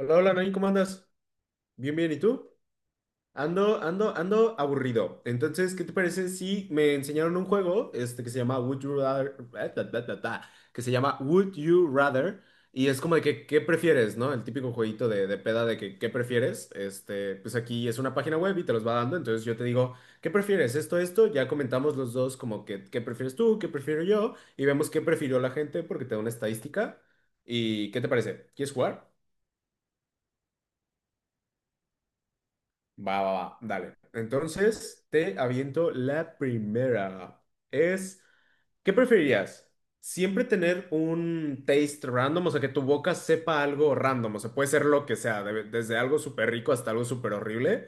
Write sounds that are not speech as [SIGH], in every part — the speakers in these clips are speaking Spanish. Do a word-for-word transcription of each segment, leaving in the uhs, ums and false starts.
Hola, hola, Nain, ¿cómo andas? Bien, bien, ¿y tú? Ando, ando, ando aburrido. Entonces, ¿qué te parece si me enseñaron un juego este, que se llama Would You Rather, eh, ta, ta, ta, ta, que se llama Would You Rather, y es como de que, ¿qué prefieres, no? El típico jueguito de, de peda de que, ¿qué prefieres? Este, pues aquí es una página web y te los va dando, entonces yo te digo, ¿qué prefieres? Esto, esto, ya comentamos los dos como que, ¿qué prefieres tú? ¿Qué prefiero yo? Y vemos qué prefirió la gente porque te da una estadística. ¿Y qué te parece? ¿Quieres jugar? Va, va, va, dale. Entonces, te aviento la primera. Es, ¿qué preferirías? ¿Siempre tener un taste random? O sea, que tu boca sepa algo random. O sea, puede ser lo que sea, de- desde algo súper rico hasta algo súper horrible.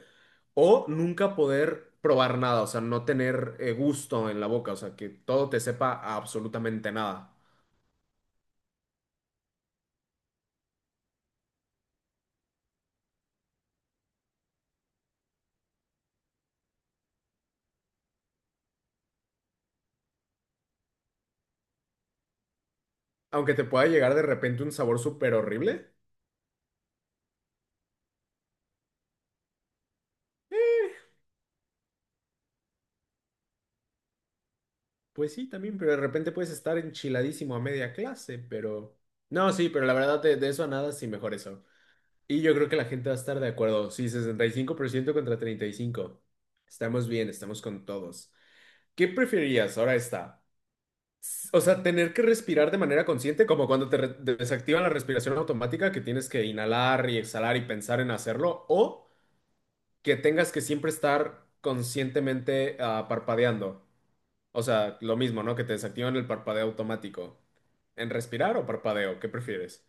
O nunca poder probar nada, o sea, no tener eh, gusto en la boca, o sea, que todo te sepa a absolutamente nada. Aunque te pueda llegar de repente un sabor súper horrible. Pues sí, también, pero de repente puedes estar enchiladísimo a media clase, pero… No, sí, pero la verdad de, de eso a nada, sí, mejor eso. Y yo creo que la gente va a estar de acuerdo. Sí, sesenta y cinco por ciento contra treinta y cinco. Estamos bien, estamos con todos. ¿Qué preferirías? Ahora está. S- O sea, tener que respirar de manera consciente, como cuando te re- te desactivan la respiración automática, que tienes que inhalar y exhalar y pensar en hacerlo, o que tengas que siempre estar conscientemente ah, parpadeando. O sea, lo mismo, ¿no? Que te desactivan el parpadeo automático. ¿En respirar o parpadeo? ¿Qué prefieres?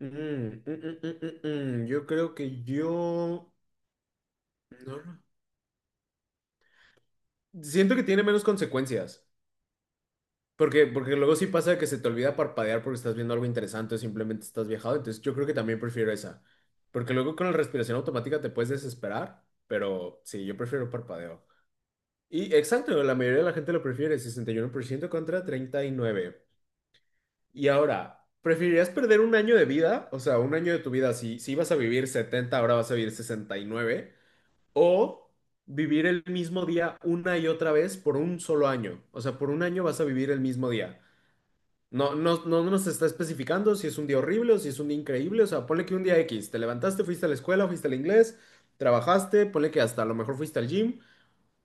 Mm, mm, mm, mm, mm, mm. Yo creo que yo… No, no. Siento que tiene menos consecuencias. Porque, porque luego sí pasa que se te olvida parpadear porque estás viendo algo interesante o simplemente estás viajado. Entonces yo creo que también prefiero esa. Porque luego con la respiración automática te puedes desesperar. Pero sí, yo prefiero parpadeo. Y exacto, la mayoría de la gente lo prefiere. Sesenta y uno por ciento contra treinta y nueve. Y ahora, ¿preferirías perder un año de vida? O sea, un año de tu vida, si, si ibas a vivir setenta, ahora vas a vivir sesenta y nueve, o vivir el mismo día una y otra vez por un solo año. O sea, por un año vas a vivir el mismo día. No, no, no no nos está especificando si es un día horrible o si es un día increíble. O sea, ponle que un día X, te levantaste, fuiste a la escuela, fuiste al inglés, trabajaste, ponle que hasta a lo mejor fuiste al gym.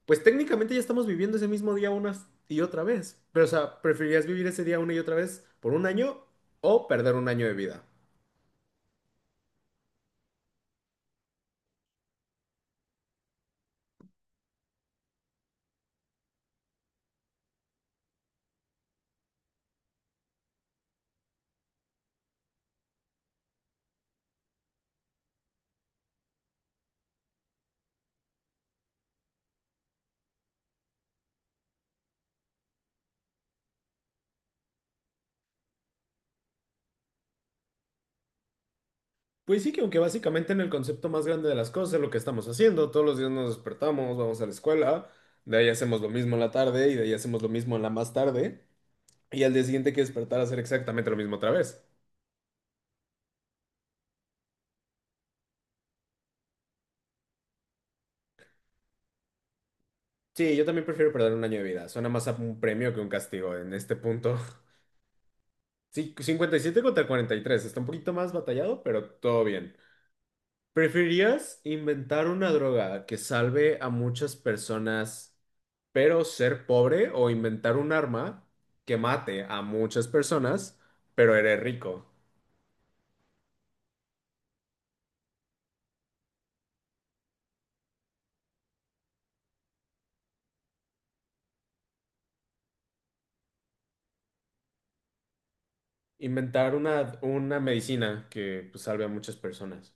Pues técnicamente ya estamos viviendo ese mismo día una y otra vez. Pero, o sea, ¿preferirías vivir ese día una y otra vez por un año o perder un año de vida? Pues sí, que aunque básicamente en el concepto más grande de las cosas es lo que estamos haciendo. Todos los días nos despertamos, vamos a la escuela, de ahí hacemos lo mismo en la tarde y de ahí hacemos lo mismo en la más tarde. Y al día siguiente hay que despertar a hacer exactamente lo mismo otra vez. Sí, yo también prefiero perder un año de vida. Suena más a un premio que un castigo en este punto. [LAUGHS] Sí, cincuenta y siete contra cuarenta y tres. Está un poquito más batallado, pero todo bien. ¿Preferirías inventar una droga que salve a muchas personas, pero ser pobre, o inventar un arma que mate a muchas personas, pero eres rico? Inventar una, una medicina que pues, salve a muchas personas.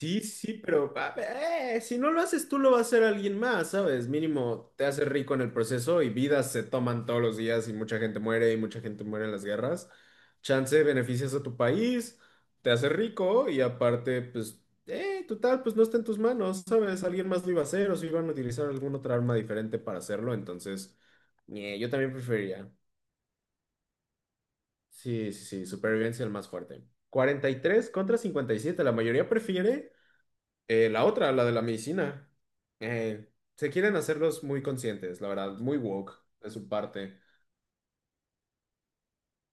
Sí, sí, pero a ver, eh, si no lo haces tú, lo va a hacer alguien más, ¿sabes? Mínimo te hace rico en el proceso y vidas se toman todos los días y mucha gente muere y mucha gente muere en las guerras. Chance, beneficias a tu país, te hace rico y aparte, pues, eh, total, pues no está en tus manos, ¿sabes? Alguien más lo iba a hacer o si iban a utilizar alguna otra arma diferente para hacerlo, entonces, ñe, yo también preferiría. Sí, sí, sí, supervivencia el más fuerte. Cuarenta y tres contra cincuenta y siete. La mayoría prefiere. Eh, la otra, la de la medicina. Eh, se quieren hacerlos muy conscientes, la verdad, muy woke de su parte.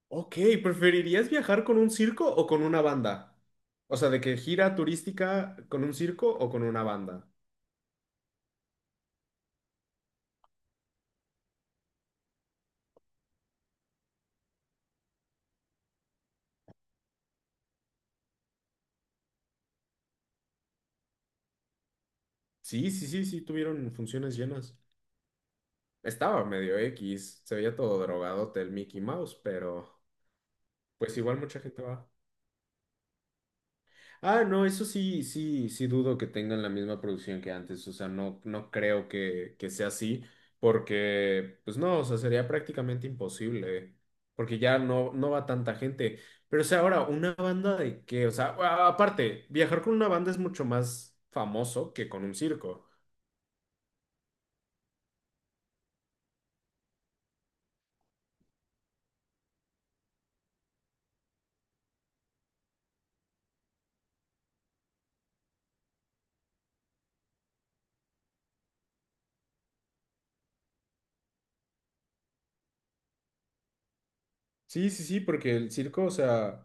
Ok, ¿preferirías viajar con un circo o con una banda? O sea, de que gira turística con un circo o con una banda. Sí, sí, sí, sí, tuvieron funciones llenas. Estaba medio X, se veía todo drogado el Mickey Mouse, pero pues igual mucha gente va. Ah, no, eso sí, sí, sí dudo que tengan la misma producción que antes, o sea, no, no creo que, que sea así, porque, pues no, o sea, sería prácticamente imposible, porque ya no, no va tanta gente. Pero, o sea, ahora, ¿una banda de qué? O sea, a- aparte, viajar con una banda es mucho más famoso que con un circo. Sí, sí, sí, porque el circo, o sea…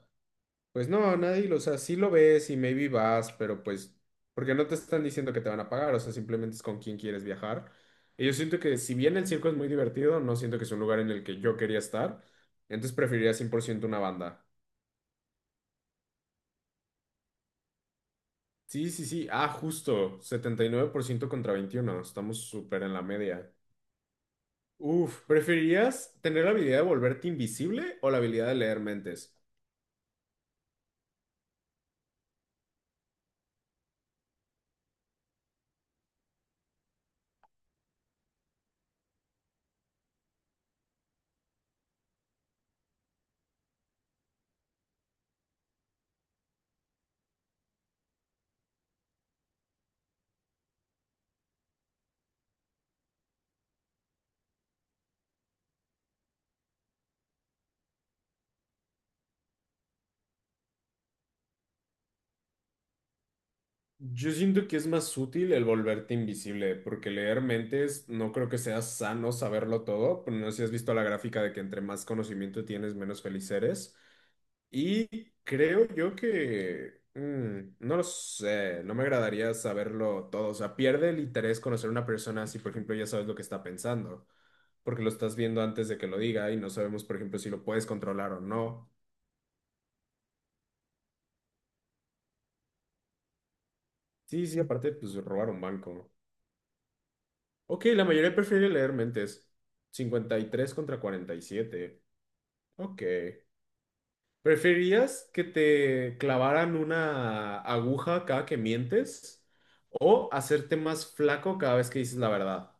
Pues no, nadie, lo- o sea, sí lo ves y maybe vas, pero pues, porque no te están diciendo que te van a pagar, o sea, simplemente es con quién quieres viajar. Y yo siento que si bien el circo es muy divertido, no siento que es un lugar en el que yo quería estar, entonces preferiría cien por ciento una banda. Sí, sí, sí, ah, justo, setenta y nueve por ciento contra veintiuno, estamos súper en la media. Uf, ¿preferirías tener la habilidad de volverte invisible o la habilidad de leer mentes? Yo siento que es más útil el volverte invisible, porque leer mentes no creo que sea sano saberlo todo. Pero no sé si has visto la gráfica de que entre más conocimiento tienes, menos feliz eres. Y creo yo que… mm, no lo sé, no me agradaría saberlo todo. O sea, pierde el interés conocer a una persona si, por ejemplo, ya sabes lo que está pensando, porque lo estás viendo antes de que lo diga y no sabemos, por ejemplo, si lo puedes controlar o no. Sí, sí, aparte, pues robar un banco. Ok, la mayoría prefiere leer mentes. Cincuenta y tres contra cuarenta y siete. Ok. ¿Preferirías que te clavaran una aguja cada que mientes o hacerte más flaco cada vez que dices la verdad?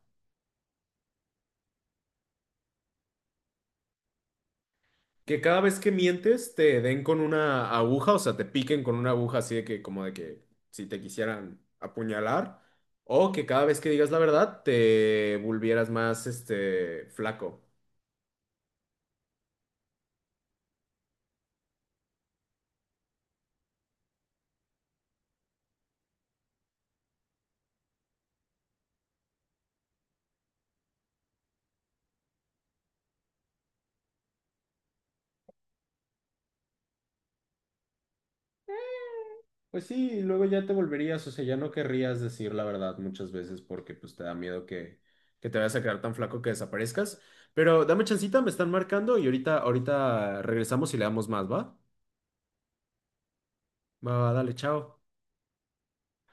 Que cada vez que mientes te den con una aguja, o sea, te piquen con una aguja así de que como de que si te quisieran apuñalar o que cada vez que digas la verdad te volvieras más este flaco. Pues sí, y luego ya te volverías, o sea, ya no querrías decir la verdad muchas veces porque pues te da miedo que, que te vayas a quedar tan flaco que desaparezcas. Pero dame chancita, me están marcando y ahorita, ahorita regresamos y le damos más, ¿va? Va, va, dale, chao.